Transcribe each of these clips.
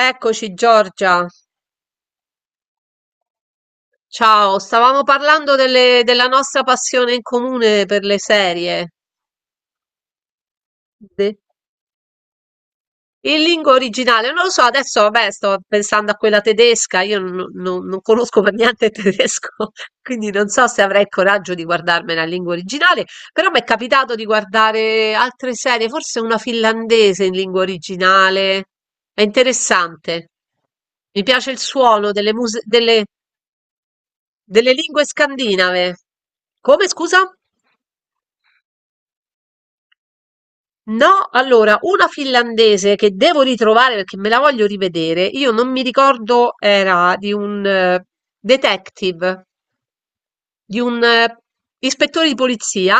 Eccoci Giorgia, ciao, stavamo parlando della nostra passione in comune per le serie. De- In lingua originale, non lo so, adesso vabbè sto pensando a quella tedesca, io non conosco per niente il tedesco, quindi non so se avrei il coraggio di guardarmela in lingua originale, però mi è capitato di guardare altre serie, forse una finlandese in lingua originale, è interessante, mi piace il suono delle musiche, delle lingue scandinave. Come scusa? No, allora, una finlandese che devo ritrovare perché me la voglio rivedere. Io non mi ricordo, era di un detective. Di un, ispettore di polizia,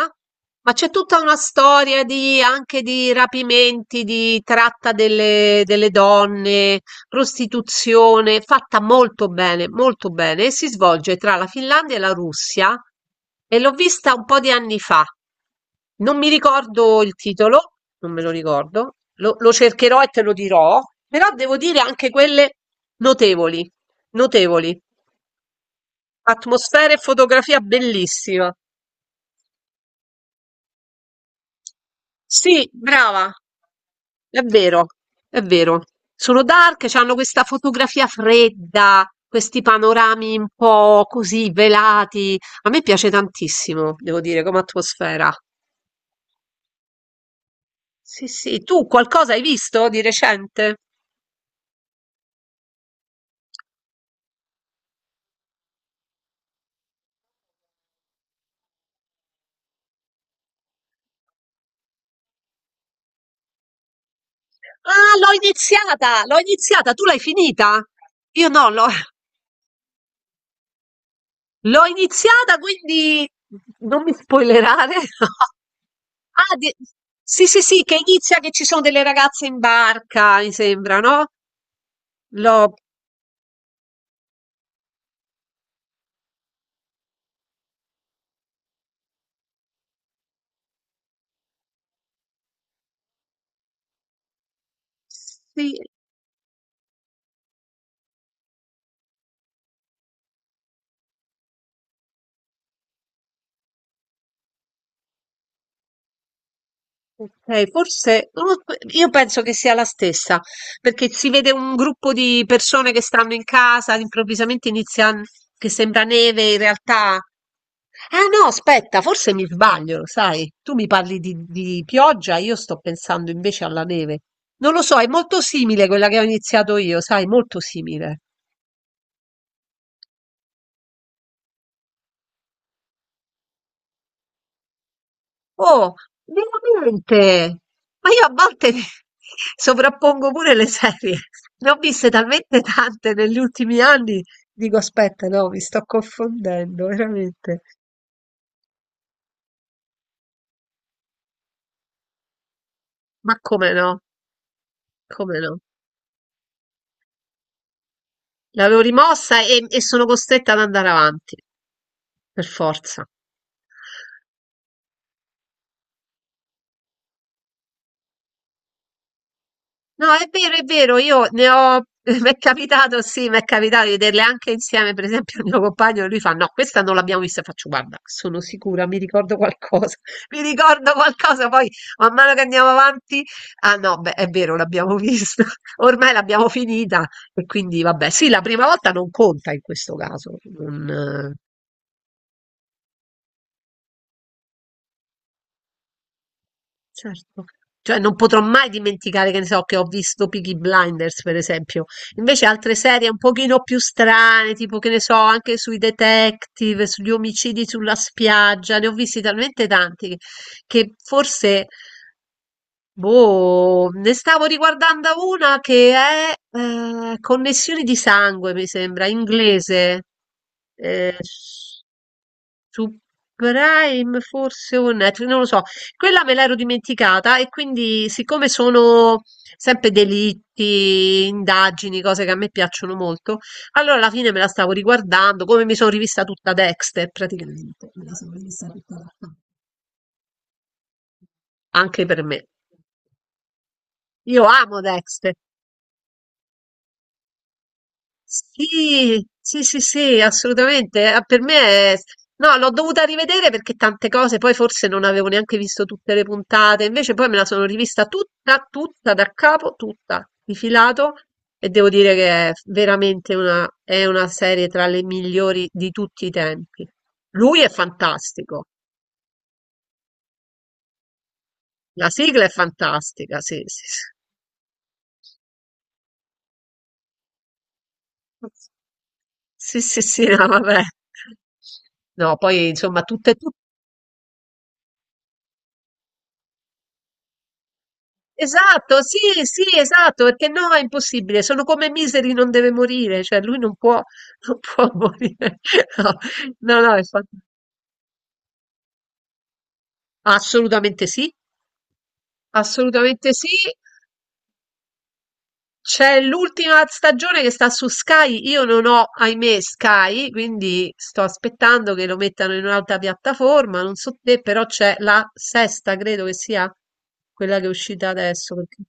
ma c'è tutta una storia di anche di rapimenti, di tratta delle donne, prostituzione, fatta molto bene e si svolge tra la Finlandia e la Russia e l'ho vista un po' di anni fa. Non mi ricordo il titolo, non me lo ricordo, lo cercherò e te lo dirò, però devo dire anche quelle notevoli, notevoli. Atmosfera e fotografia bellissima. Sì, brava, è vero, è vero. Sono dark, hanno questa fotografia fredda, questi panorami un po' così velati. A me piace tantissimo, devo dire, come atmosfera. Sì, sì, tu qualcosa hai visto di recente? Ah, l'ho iniziata, tu l'hai finita? Io no, l'ho l'ho iniziata, quindi non mi spoilerare. Ah, di- sì, sì, sì, che inizia che ci sono delle ragazze in barca, mi sembra, no? L'ho... Sì. Okay, forse non lo so, io penso che sia la stessa, perché si vede un gruppo di persone che stanno in casa, improvvisamente inizia che sembra neve, in realtà ah no, aspetta, forse mi sbaglio, lo sai? Tu mi parli di pioggia, io sto pensando invece alla neve. Non lo so, è molto simile quella che ho iniziato io, sai, molto simile. Oh, veramente! Ma io a volte mi- sovrappongo pure le serie. Ne ho viste talmente tante negli ultimi anni. Dico, aspetta, no, mi sto confondendo, veramente. Ma come no? Come no? L'avevo rimossa e sono costretta ad andare avanti, per forza. No, è vero, io ne ho, mi è capitato, sì, mi è capitato di vederle anche insieme, per esempio, il mio compagno, lui fa, no, questa non l'abbiamo vista, faccio, guarda, sono sicura, mi ricordo qualcosa, mi ricordo qualcosa, poi man mano che andiamo avanti, ah no, beh, è vero, l'abbiamo vista, ormai l'abbiamo finita, e quindi vabbè, sì, la prima volta non conta in questo caso, non, eh, certo. Cioè non potrò mai dimenticare, che ne so, che ho visto Peaky Blinders, per esempio. Invece altre serie un pochino più strane, tipo che ne so, anche sui detective, sugli omicidi sulla spiaggia, ne ho visti talmente tanti che forse, boh, ne stavo riguardando una che è Connessioni di sangue, mi sembra, inglese. Eh, su Prime forse o Netflix, non lo so. Quella me l'ero dimenticata e quindi siccome sono sempre delitti, indagini, cose che a me piacciono molto, allora alla fine me la stavo riguardando, come mi sono rivista tutta Dexter praticamente, me la sono rivista tutta anche per me. Io amo Dexter. Sì, sì, sì, sì, assolutamente. Ah, per me è... No, l'ho dovuta rivedere perché tante cose, poi forse non avevo neanche visto tutte le puntate, invece poi me la sono rivista tutta, tutta da capo, tutta, di filato, e devo dire che è veramente una, è una serie tra le migliori di tutti i tempi. Lui è fantastico, la sigla è fantastica, sì, sì, sì, sì, sì, sì, no, vabbè. No, poi insomma, tutte e esatto, sì, sì, esatto, perché no, è impossibile, sono come Misery non deve morire, cioè lui non può, non può morire. No, no, no, assolutamente sì, assolutamente sì. C'è l'ultima stagione che sta su Sky, io non ho, ahimè, Sky, quindi sto aspettando che lo mettano in un'altra piattaforma, non so te, però c'è la sesta, credo che sia quella che è uscita adesso.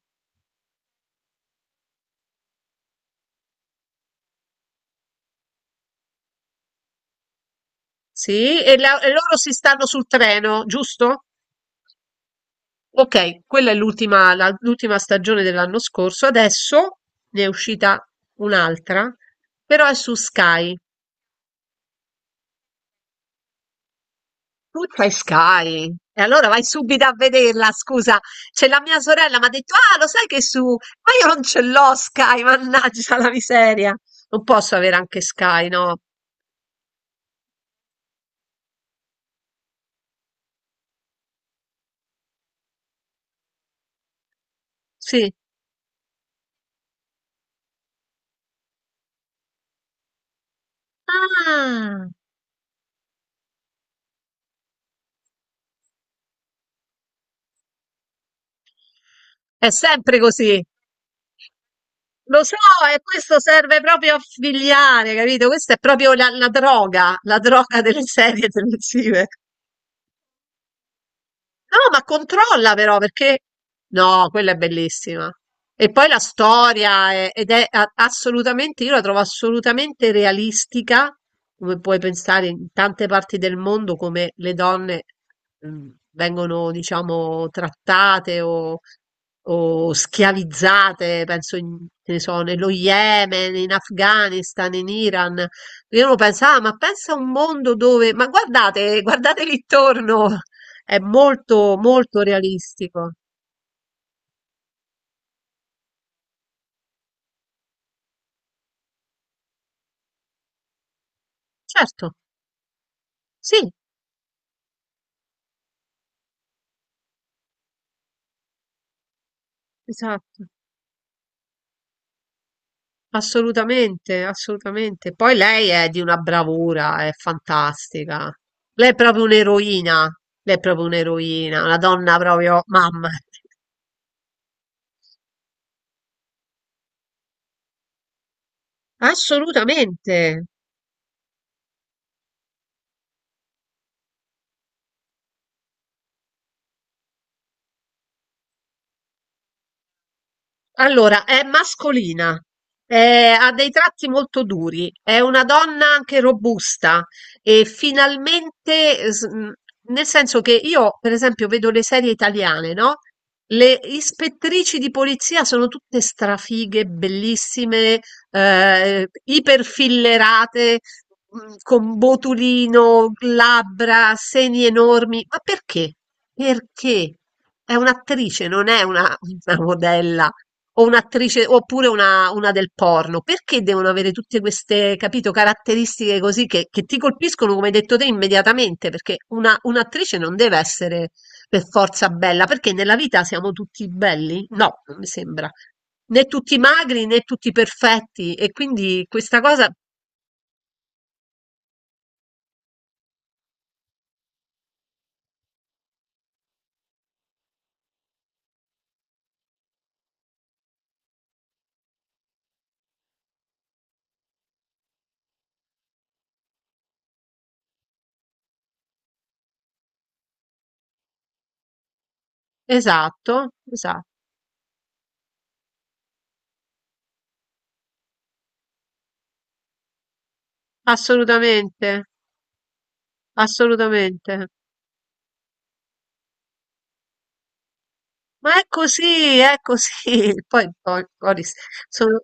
Sì, e loro si stanno sul treno, giusto? Ok, quella è l'ultima l'ultima stagione dell'anno scorso. Adesso ne è uscita un'altra, però è su Sky. Tu c'hai Sky. E allora vai subito a vederla, scusa. C'è la mia sorella, mi ha detto, ah, lo sai che su... Ma io non ce l'ho Sky, mannaggia la miseria. Non posso avere anche Sky, no? Sì. Ah, è sempre così. Lo so, e questo serve proprio a figliare, capito? Questa è proprio la droga, la droga delle serie televisive. No, ma controlla però perché no, quella è bellissima. E poi ed è assolutamente, io la trovo assolutamente realistica, come puoi pensare in tante parti del mondo come le donne mm, vengono, diciamo, trattate o schiavizzate, penso che ne so, nello Yemen, in Afghanistan, in Iran. Io non pensavo, "Ah, ma pensa a un mondo dove, ma guardate, guardate lì intorno. È molto, molto realistico. Certo, sì, esatto, assolutamente, assolutamente. Poi lei è di una bravura, è fantastica. Lei è proprio un'eroina, lei è proprio un'eroina, una donna proprio mamma. Assolutamente. Allora, è mascolina, ha dei tratti molto duri, è una donna anche robusta e finalmente, nel senso che io, per esempio, vedo le serie italiane, no? Le ispettrici di polizia sono tutte strafighe, bellissime, iperfillerate, con botulino, labbra, seni enormi. Ma perché? Perché? È un'attrice, non è una modella o un'attrice, oppure una del porno, perché devono avere tutte queste, capito, caratteristiche così che ti colpiscono, come hai detto te, immediatamente? Perché un'attrice non deve essere per forza bella, perché nella vita siamo tutti belli? No, non mi sembra. Né tutti magri né tutti perfetti, e quindi questa cosa, esatto, esatto, assolutamente, assolutamente. Ma è così, è così. Poi, poi, poi sono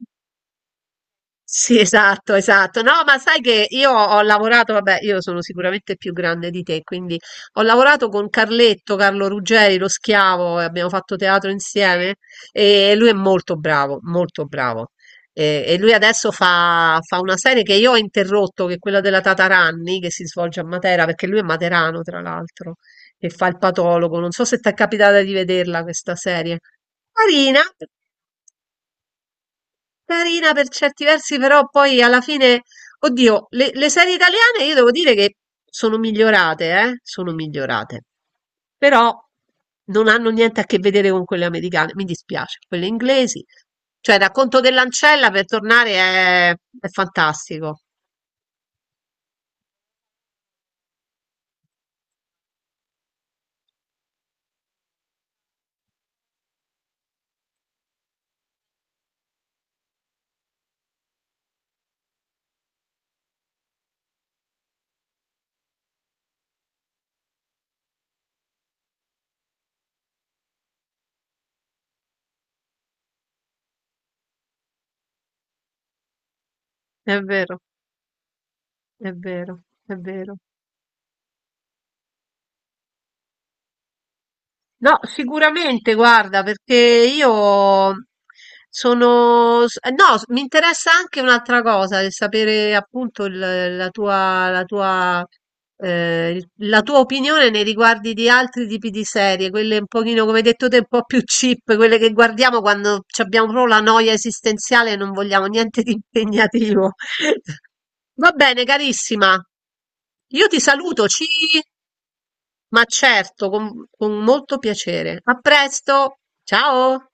sì, esatto, esatto. No, ma sai che io ho lavorato, vabbè, io sono sicuramente più grande di te, quindi ho lavorato con Carletto, Carlo Ruggeri, lo schiavo, e abbiamo fatto teatro insieme e lui è molto bravo, molto bravo. E lui adesso fa una serie che io ho interrotto, che è quella della Tataranni, che si svolge a Matera, perché lui è materano, tra l'altro, e fa il patologo. Non so se ti è capitata di vederla questa serie. Carina. Carina per certi versi, però poi alla fine, oddio, le serie italiane io devo dire che sono migliorate, eh? Sono migliorate. Però non hanno niente a che vedere con quelle americane, mi dispiace, quelle inglesi. Cioè, Racconto dell'ancella per tornare è fantastico. È vero, è vero, è vero. No, sicuramente, guarda, perché io sono... No, mi interessa anche un'altra cosa, il sapere appunto la tua, la tua opinione nei riguardi di altri tipi di serie, quelle un pochino, come hai detto te, un po' più cheap, quelle che guardiamo quando ci abbiamo proprio la noia esistenziale e non vogliamo niente di impegnativo. Va bene, carissima. Io ti saluto, ci ma certo, con molto piacere. A presto! Ciao!